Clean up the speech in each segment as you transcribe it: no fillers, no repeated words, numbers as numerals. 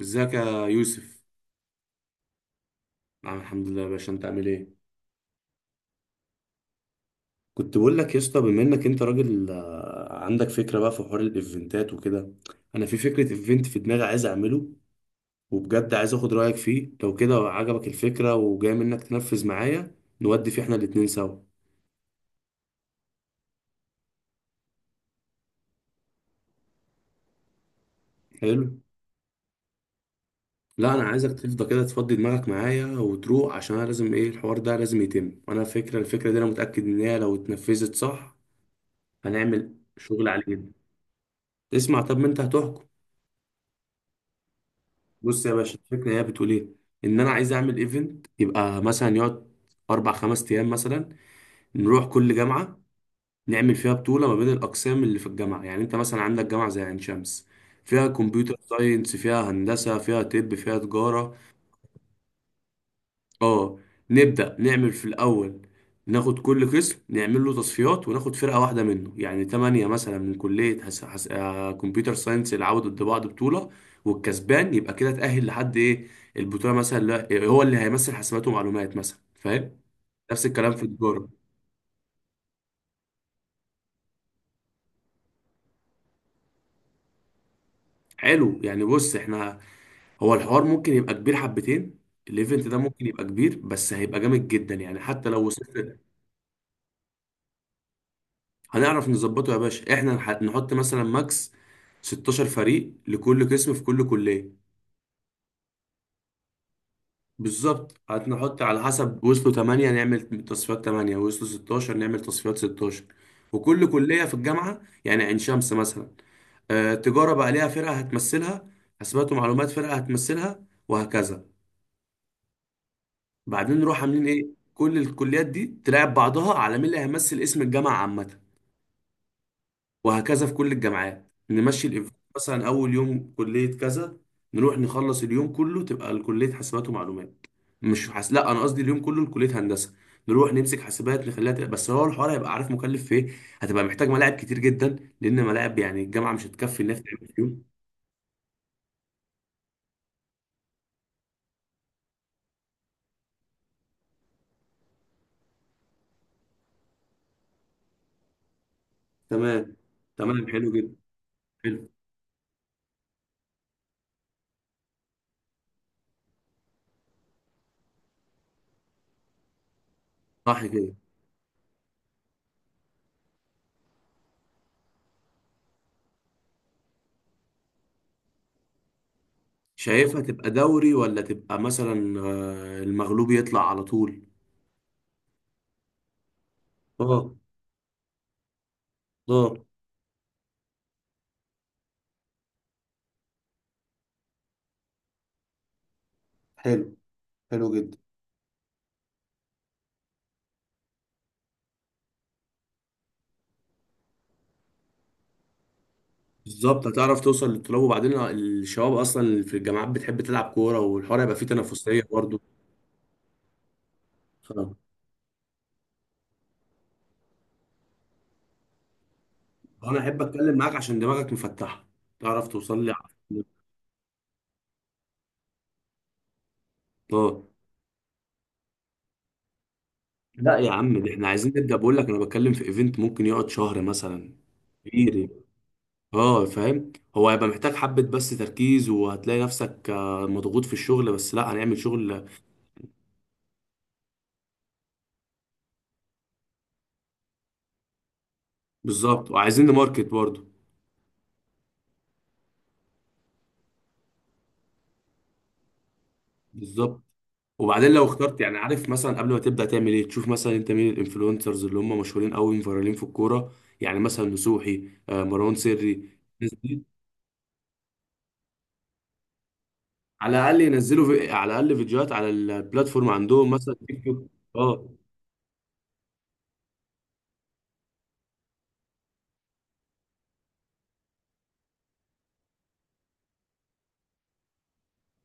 ازيك يا يوسف؟ نعم، الحمد لله يا باشا، انت عامل ايه؟ كنت بقول لك يا اسطى، بما انك انت راجل عندك فكره بقى في حوار الايفنتات وكده. انا في فكره ايفنت في دماغي عايز اعمله، وبجد عايز اخد رايك فيه، لو كده عجبك الفكره وجاي منك تنفذ معايا نودي فيه احنا الاتنين سوا. حلو. لا انا عايزك تفضى كده، تفضي دماغك معايا وتروح، عشان انا لازم ايه، الحوار ده لازم يتم، وانا فكره الفكره دي انا متاكد ان هي لو اتنفذت صح هنعمل شغل عالي جدا. اسمع، طب ما انت هتحكم. بص يا باشا، الفكره هي بتقول ايه؟ ان انا عايز اعمل ايفنت، يبقى مثلا يقعد اربع خمس ايام مثلا، نروح كل جامعه نعمل فيها بطوله ما بين الاقسام اللي في الجامعه. يعني انت مثلا عندك جامعه زي عين شمس، فيها كمبيوتر ساينس، فيها هندسه، فيها طب، فيها تجاره. اه. نبدأ نعمل في الأول، ناخد كل قسم نعمل له تصفيات وناخد فرقة واحدة منه، يعني تمانية مثلا من كلية حس... حس... آه، كمبيوتر ساينس العودة ضد بعض بطولة، والكسبان يبقى كده تأهل لحد إيه، البطولة. مثلا لا... هو اللي هيمثل حاسبات ومعلومات مثلا، فاهم؟ نفس الكلام في التجارة. حلو، يعني بص احنا، هو الحوار ممكن يبقى كبير حبتين، الايفنت ده ممكن يبقى كبير، بس هيبقى جامد جدا يعني حتى لو وصلت. هنعرف نظبطه يا باشا. احنا نحط مثلا ماكس 16 فريق لكل قسم في كل كلية. بالظبط، هنحط على حسب، وصلوا 8 نعمل تصفيات 8، وصلوا 16 نعمل تصفيات 16. وكل كلية في الجامعة، يعني عين شمس مثلا، تجارة بقى ليها فرقة هتمثلها، حسابات ومعلومات فرقة هتمثلها، وهكذا. بعدين نروح عاملين ايه، كل الكليات دي تلعب بعضها على مين اللي هيمثل اسم الجامعة عامة. وهكذا في كل الجامعات نمشي الايفنت، مثلا اول يوم كليه كذا، نروح نخلص اليوم كله تبقى كليه حاسبات ومعلومات. مش لا انا قصدي اليوم كله لكليه هندسه. نروح نمسك حاسبات نخليها تبقى، بس هو الحوار هيبقى، عارف مكلف في ايه؟ هتبقى محتاج ملاعب كتير جدا، لان ملاعب يعني الجامعه مش هتكفي انها تعمل في يوم. تمام. تمام حلو جدا. حلو. صح كده. شايفها تبقى دوري، ولا تبقى مثلا المغلوب يطلع على طول؟ اه. اه. حلو. حلو جدا. بالظبط، هتعرف توصل للطلاب، وبعدين الشباب اصلا اللي في الجامعات بتحب تلعب كوره، والحوار هيبقى فيه تنافسيه برضه. انا احب اتكلم معاك عشان دماغك مفتحه، تعرف توصل لي على- اه. لا يا عم، ده احنا عايزين نبدا، بقول لك انا بتكلم في ايفنت ممكن يقعد شهر مثلا. كتير. اه فاهم، هو هيبقى محتاج حبه بس تركيز، وهتلاقي نفسك مضغوط في الشغل، بس لا هنعمل شغل. بالظبط، وعايزين نماركت برضه. بالظبط، وبعدين لو اخترت، يعني عارف، مثلا قبل ما تبدا تعمل ايه، تشوف مثلا انت مين الانفلونسرز اللي هم مشهورين قوي فايرالين في الكوره، يعني مثلا نصوحي، مروان سري. الناس دي على الاقل ينزلوا في... على الاقل فيديوهات على البلاتفورم عندهم، مثلا تيك توك. اه.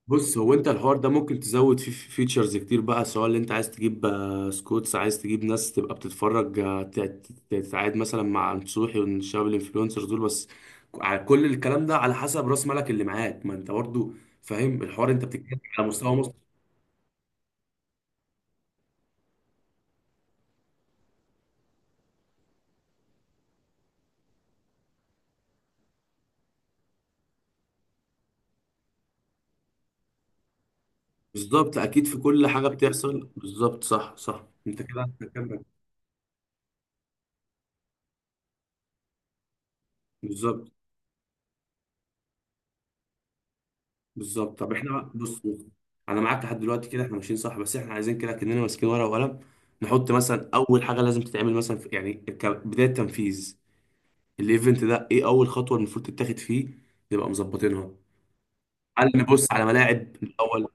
بص، هو انت الحوار ده ممكن تزود فيه فيتشرز كتير بقى، سواء اللي انت عايز تجيب سكوتس، عايز تجيب ناس تبقى بتتفرج، تتعاد مثلا مع نصوحي والشباب الانفلونسرز دول. بس على كل الكلام ده على حسب راس مالك اللي معاك، ما انت برضو فاهم الحوار، انت بتتكلم على مستوى مصر. بالظبط، اكيد في كل حاجة بتحصل. بالظبط، صح صح، انت كده، انت كده. بالظبط. بالظبط طب احنا بص. انا معاك لحد دلوقتي كده، احنا ماشيين صح، بس احنا عايزين كده كاننا ماسكين ورقه وقلم، نحط مثلا اول حاجه لازم تتعمل مثلا في، يعني كبدايه تنفيذ الايفنت ده، ايه اول خطوه المفروض تتاخد فيه نبقى مظبطينها؟ هل نبص على ملاعب الاول؟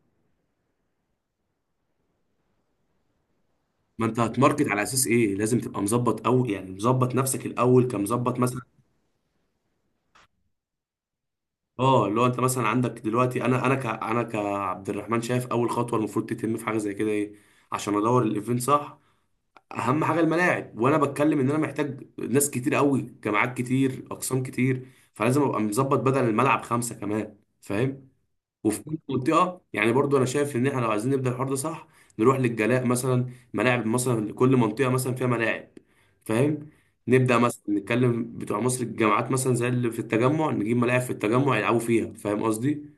ما انت هتماركت على اساس ايه، لازم تبقى مظبط، او يعني مظبط نفسك الاول كمظبط مثلا. اه، اللي هو انت مثلا عندك دلوقتي، انا ك كعبد الرحمن، شايف اول خطوه المفروض تتم في حاجه زي كده ايه عشان ادور الايفنت صح؟ اهم حاجه الملاعب، وانا بتكلم ان انا محتاج ناس كتير قوي، جماعات كتير، اقسام كتير، فلازم ابقى مظبط بدل الملعب خمسه كمان، فاهم؟ وفي كل منطقه، يعني برضو انا شايف ان احنا لو عايزين نبدا الحوار ده صح، نروح للجلاء مثلا، ملاعب مثلا، كل منطقه مثلا فيها ملاعب، فاهم؟ نبدا مثلا نتكلم بتوع مصر، الجامعات مثلا زي اللي في التجمع، نجيب ملاعب في التجمع يلعبوا فيها، فاهم قصدي؟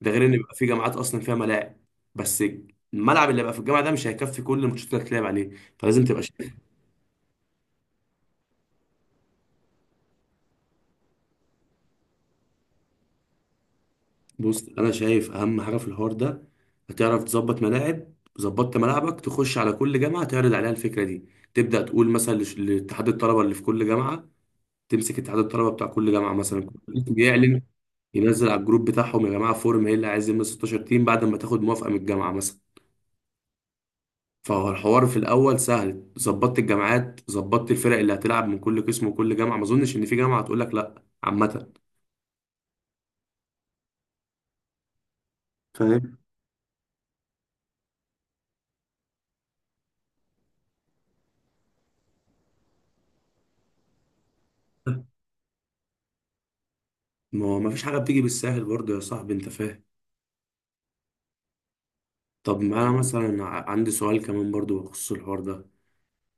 ده غير ان يبقى في جامعات اصلا فيها ملاعب، بس الملعب اللي هيبقى في الجامعه ده مش هيكفي كل الماتشات اللي هتلعب عليه، فلازم تبقى. بص، انا شايف اهم حاجه في الحوار ده هتعرف تظبط ملاعب. ظبطت ملاعبك، تخش على كل جامعه تعرض عليها الفكره دي، تبدا تقول مثلا لاتحاد الطلبه اللي في كل جامعه، تمسك اتحاد الطلبه بتاع كل جامعه، مثلا كل قسم يعلن، ينزل على الجروب بتاعهم، يا جماعه فورم ايه اللي عايز يملى 16 تيم، بعد ما تاخد موافقه من الجامعه مثلا. فهو الحوار في الاول سهل، ظبطت الجامعات، ظبطت الفرق اللي هتلعب من كل قسم وكل جامعه، ما اظنش ان في جامعه هتقول لك لا عامه، فاهم؟ ما هو ما فيش حاجه بتيجي بالسهل برضه يا صاحبي، انت فاهم. طب انا مثلا عندي سؤال كمان برضو بخصوص الحوار ده،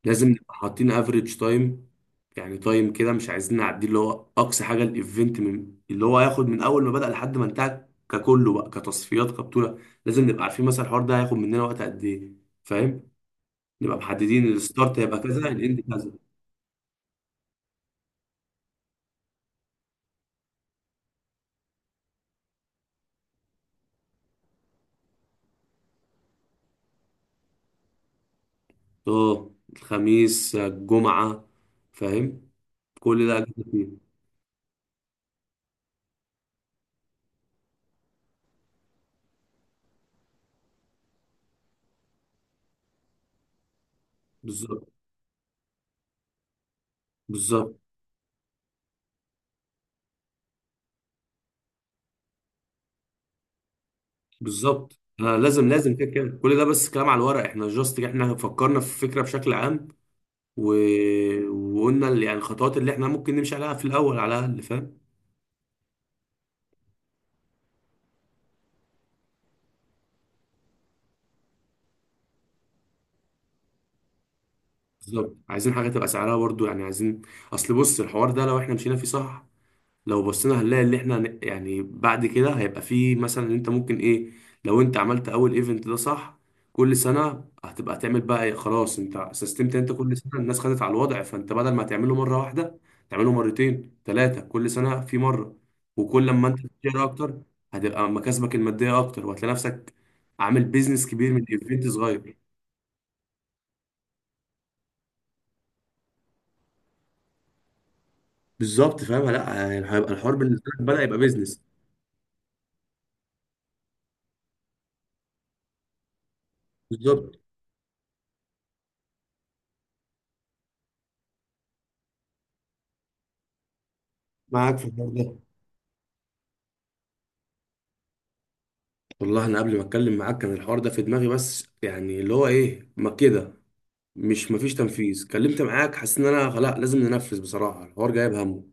لازم نبقى حاطين افريج تايم، يعني تايم كده مش عايزين نعدي، اللي هو اقصى حاجه الايفنت من اللي هو هياخد، من اول ما بدأ لحد ما انتهى ككله بقى، كتصفيات كبطوله، لازم نبقى عارفين مثلا الحوار ده هياخد مننا وقت قد ايه، فاهم؟ نبقى محددين الستارت هيبقى كذا، الاند كذا. اه، الخميس الجمعه، فاهم، كل ده أجازة فيه. بالظبط. بالظبط. بالظبط لازم، لازم، كده كده كل ده بس كلام على الورق، احنا جاست احنا فكرنا في الفكره بشكل عام، و... وقلنا يعني الخطوات اللي احنا ممكن نمشي عليها في الاول على الاقل، فاهم. بالظبط، عايزين حاجه تبقى سعرها برضو، يعني عايزين، اصل بص الحوار ده لو احنا مشينا فيه صح، لو بصينا هنلاقي اللي احنا يعني بعد كده هيبقى فيه مثلا ان انت ممكن ايه، لو انت عملت اول ايفنت ده صح، كل سنة هتبقى تعمل بقى ايه، خلاص انت سيستمت، انت كل سنة الناس خدت على الوضع، فانت بدل ما تعمله مرة واحدة تعمله مرتين ثلاثة، كل سنة في مرة، وكل لما انت تشتري اكتر هتبقى مكاسبك المادية اكتر، وهتلاقي نفسك عامل بيزنس كبير من ايفنت صغير. بالظبط، فاهم، لا يعني هيبقى الحوار بالنسبة لك بدأ يبقى بيزنس. بالظبط، معاك في الحوار ده. والله انا قبل ما اتكلم معاك كان الحوار ده في دماغي، بس يعني اللي هو ايه، ما كده، مش، مفيش تنفيذ، كلمت معاك حاسس ان انا خلاص لازم ننفذ، بصراحه الحوار جايب همه.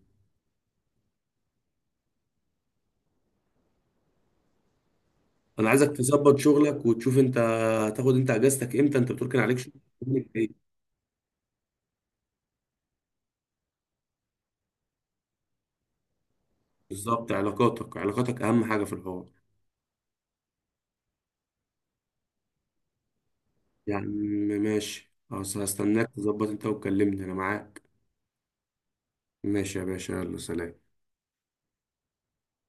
انا عايزك تظبط شغلك وتشوف انت هتاخد انت اجازتك امتى، انت بتقول كان عليك شغل، شغلك ايه؟ بالظبط، علاقاتك، علاقاتك اهم حاجه في الحوار. يعني ماشي خلاص، هستناك تظبط انت وتكلمني انا معاك. ماشي يا باشا، يلا سلام.